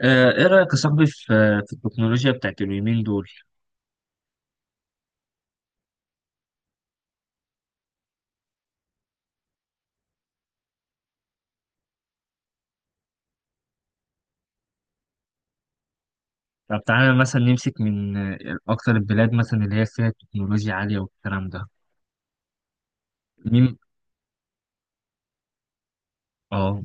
ايه رأيك يا صاحبي في في التكنولوجيا بتاعت اليومين دول؟ طب تعالى مثلا نمسك من اكتر البلاد مثلا اللي هي فيها تكنولوجيا عالية والكلام ده. مين؟ اه،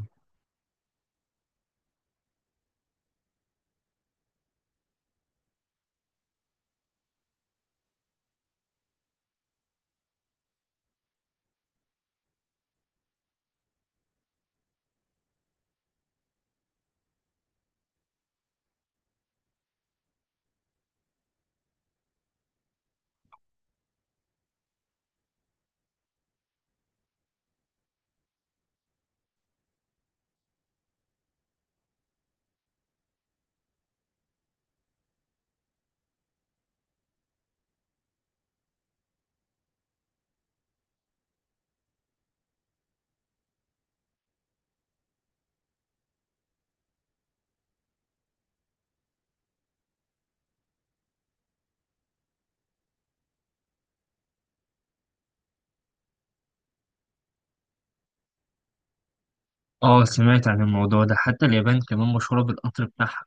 اه، سمعت عن الموضوع ده. حتى اليابان كمان مشهورة بالقطر بتاعها،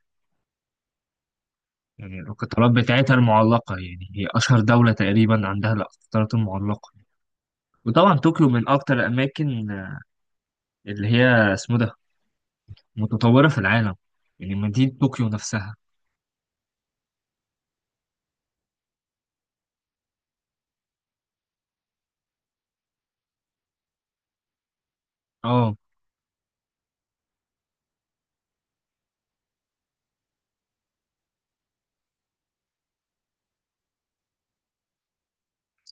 يعني القطارات بتاعتها المعلقة، يعني هي اشهر دولة تقريبا عندها القطارات المعلقة. وطبعا طوكيو من اكتر الاماكن، اللي هي اسمه ده متطورة في العالم، يعني مدينة طوكيو نفسها. اه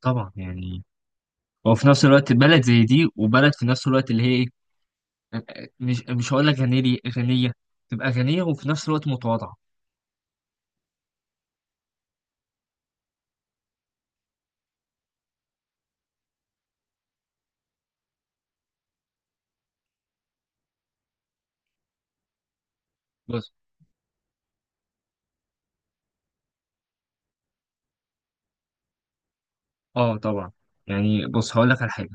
طبعا يعني. وفي نفس الوقت بلد زي دي، وبلد في نفس الوقت اللي هي ايه. مش هقول لك غنية غنية، تبقى غنية وفي نفس الوقت متواضعة. بص. اه طبعا يعني. بص هقول لك على حاجة.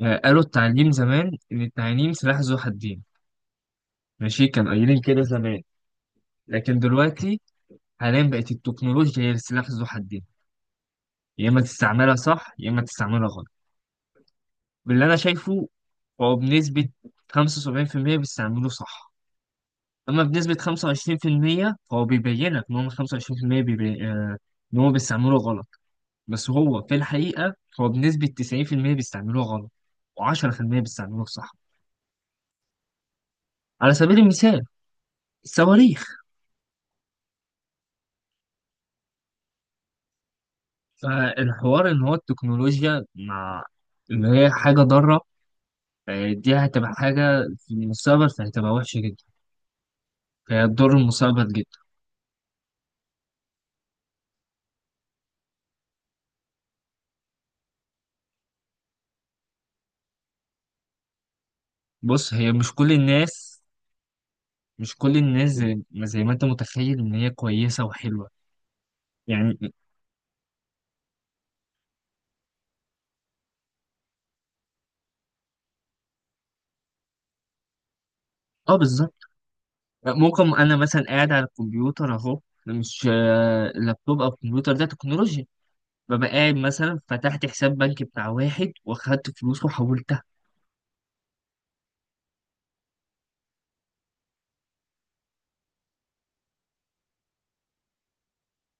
قالوا التعليم زمان إن التعليم سلاح ذو حدين. ماشي، كانوا قايلين كده زمان. لكن دلوقتي حاليا بقت التكنولوجيا هي السلاح ذو حدين. يا إما تستعملها صح، يا إما تستعملها غلط. باللي أنا شايفه هو بنسبة 75% بيستعملوه صح. أما بنسبة 25% فهو بيبينك إن هم 25%، بيبي... آه، إن هو بيستعملوه غلط. بس هو في الحقيقة، هو بنسبة 90% بيستعملوه غلط و10% بيستعملوه صح. على سبيل المثال الصواريخ. فالحوار إن هو التكنولوجيا مع اللي هي حاجة ضارة، دي هتبقى حاجة في المستقبل، فهتبقى وحشة جدا. فهي هتضر المستقبل جدا. بص، هي مش كل الناس. زي ما أنت متخيل إن هي كويسة وحلوة يعني. اه بالظبط. ممكن انا مثلا قاعد على الكمبيوتر اهو، مش اللابتوب او الكمبيوتر، ده تكنولوجيا. ببقى قاعد مثلا، فتحت حساب بنك بتاع واحد واخدت فلوس وحولتها.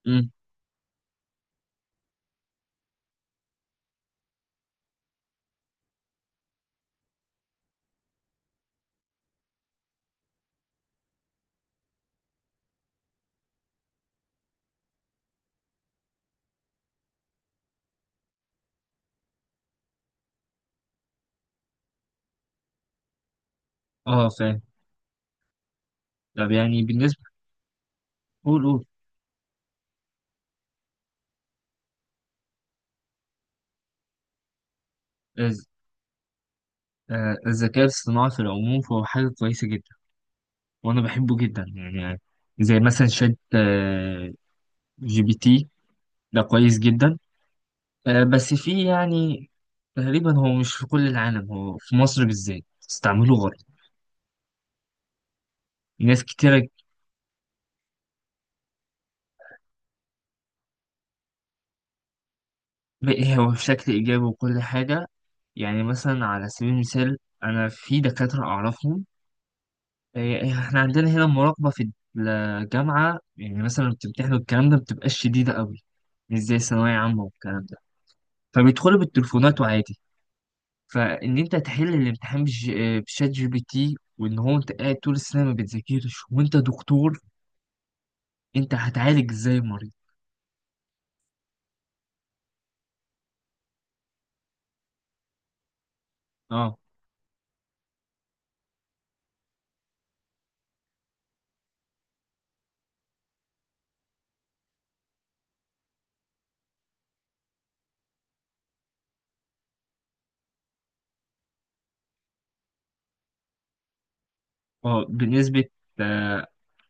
امم اه، فاهم. طب يعني بالنسبه. قول، قول. الز- الذكاء الاصطناعي في العموم فهو حاجه كويسه جدا، وانا بحبه جدا يعني. زي مثلا شات جي بي تي، ده كويس جدا. بس فيه يعني، تقريبا هو مش في كل العالم، هو في مصر بالذات استعمله غلط ناس كتيرة. بقى هو بشكل إيجابي وكل حاجة. يعني مثلا على سبيل المثال، أنا في دكاترة أعرفهم. إيه، إحنا عندنا هنا المراقبة في الجامعة، يعني مثلا لما بتمتحنوا الكلام ده بتبقاش شديدة قوي، مش زي ثانوية عامة والكلام ده، فبيدخلوا بالتليفونات وعادي. فإن أنت تحل الامتحان بشات جي بي تي، وإن هو أنت قاعد طول السنة ما بتذاكرش، وأنت دكتور، أنت هتعالج إزاي المريض؟ أه، أه، بنسبة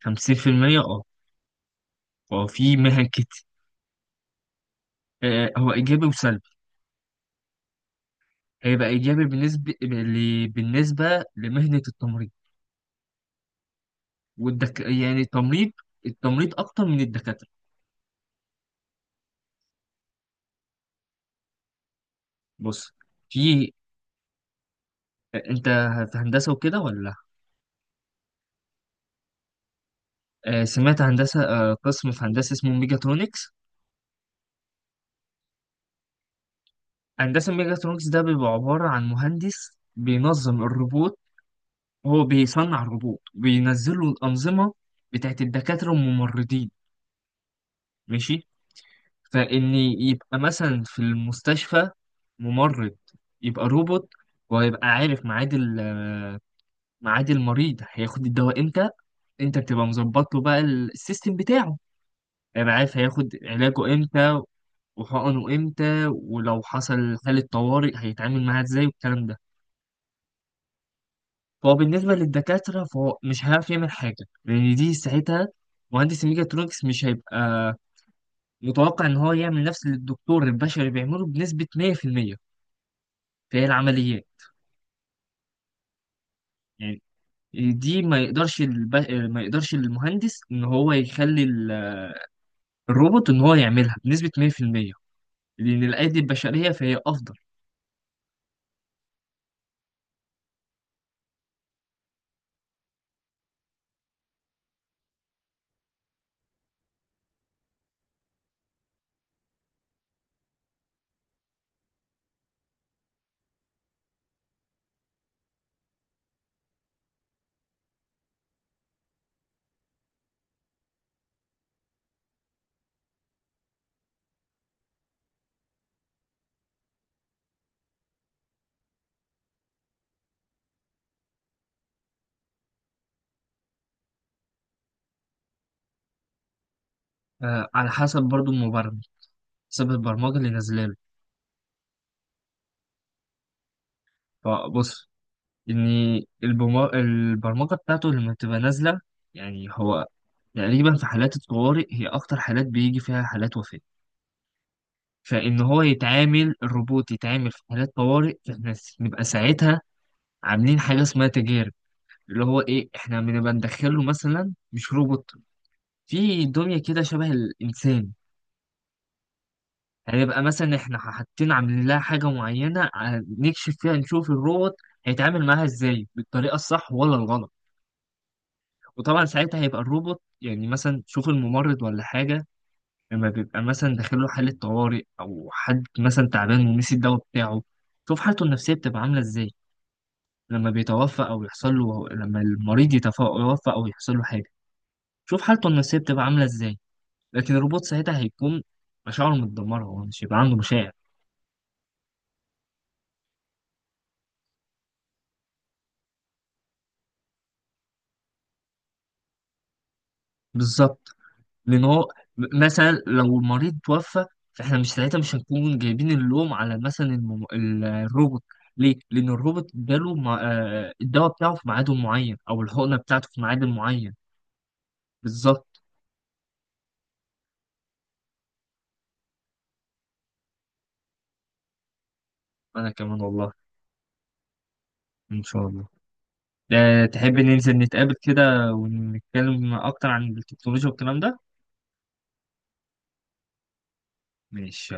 50%، أه 50%. آه. هو في مهن كتير. هو ايجابي وسلبي. هيبقى ايجابي بالنسبه لمهنه التمريض. والدك يعني التمريض. التمريض اكتر من الدكاتره. بص، في انت في هندسه وكده ولا لا؟ سمعت هندسه، قسم في هندسه اسمه ميجاترونكس. هندسه ميجاترونكس ده بيبقى عباره عن مهندس بينظم الروبوت. هو بيصنع الروبوت بينزله الانظمه بتاعت الدكاتره والممرضين. ماشي، فإن يبقى مثلا في المستشفى ممرض يبقى روبوت، ويبقى عارف ميعاد المريض هياخد الدواء امتى. انت بتبقى مظبط له بقى السيستم بتاعه. هيبقى عارف هياخد علاجه امتى وحقنه امتى، ولو حصل حالة طوارئ هيتعامل معاها ازاي والكلام ده. فهو بالنسبة للدكاترة، فهو مش هيعرف يعمل حاجة، لأن دي ساعتها مهندس الميكاترونكس مش هيبقى متوقع إن هو يعمل نفس اللي الدكتور البشري بيعمله بنسبة 100%. فهي العمليات يعني دي، ما يقدرش المهندس ان هو يخلي الروبوت ان هو يعملها بنسبة 100%، لان الايدي البشرية فهي افضل. على حسب برضو المبرمج، حسب البرمجة اللي نازله له. فبص ان البرمجة بتاعته لما بتبقى نازلة. يعني هو تقريبا في حالات الطوارئ هي اكتر حالات بيجي فيها حالات وفاة. فان هو يتعامل الروبوت يتعامل في حالات طوارئ، فاحنا نبقى ساعتها عاملين حاجة اسمها تجارب. اللي هو ايه احنا بنبقى ندخله مثلا، مش روبوت، في دمية كده شبه الانسان. هيبقى مثلا احنا حاطين عاملين لها حاجة معينة، نكشف فيها نشوف الروبوت هيتعامل معاها ازاي، بالطريقة الصح ولا الغلط. وطبعا ساعتها هيبقى الروبوت يعني مثلا، شوف الممرض ولا حاجة، لما بيبقى مثلا داخله حالة طوارئ، أو حد مثلا تعبان ونسي الدواء بتاعه، شوف حالته النفسية بتبقى عاملة ازاي. لما المريض يتوفى أو يحصل له حاجة، شوف حالته النفسية بتبقى عاملة ازاي. لكن الروبوت ساعتها هيكون مشاعره متدمرة، هو مش هيبقى عنده مشاعر. بالظبط. لأن هو، مثلا لو المريض توفى، فإحنا مش هنكون جايبين اللوم على مثلا الروبوت. ليه؟ لأن الروبوت اداله مع... آه، الدواء بتاعه في ميعاد معين، أو الحقنة بتاعته في ميعاد معين. بالظبط. أنا كمان والله. إن شاء الله. تحب ننزل نتقابل كده ونتكلم أكتر عن التكنولوجيا والكلام ده؟ ماشي.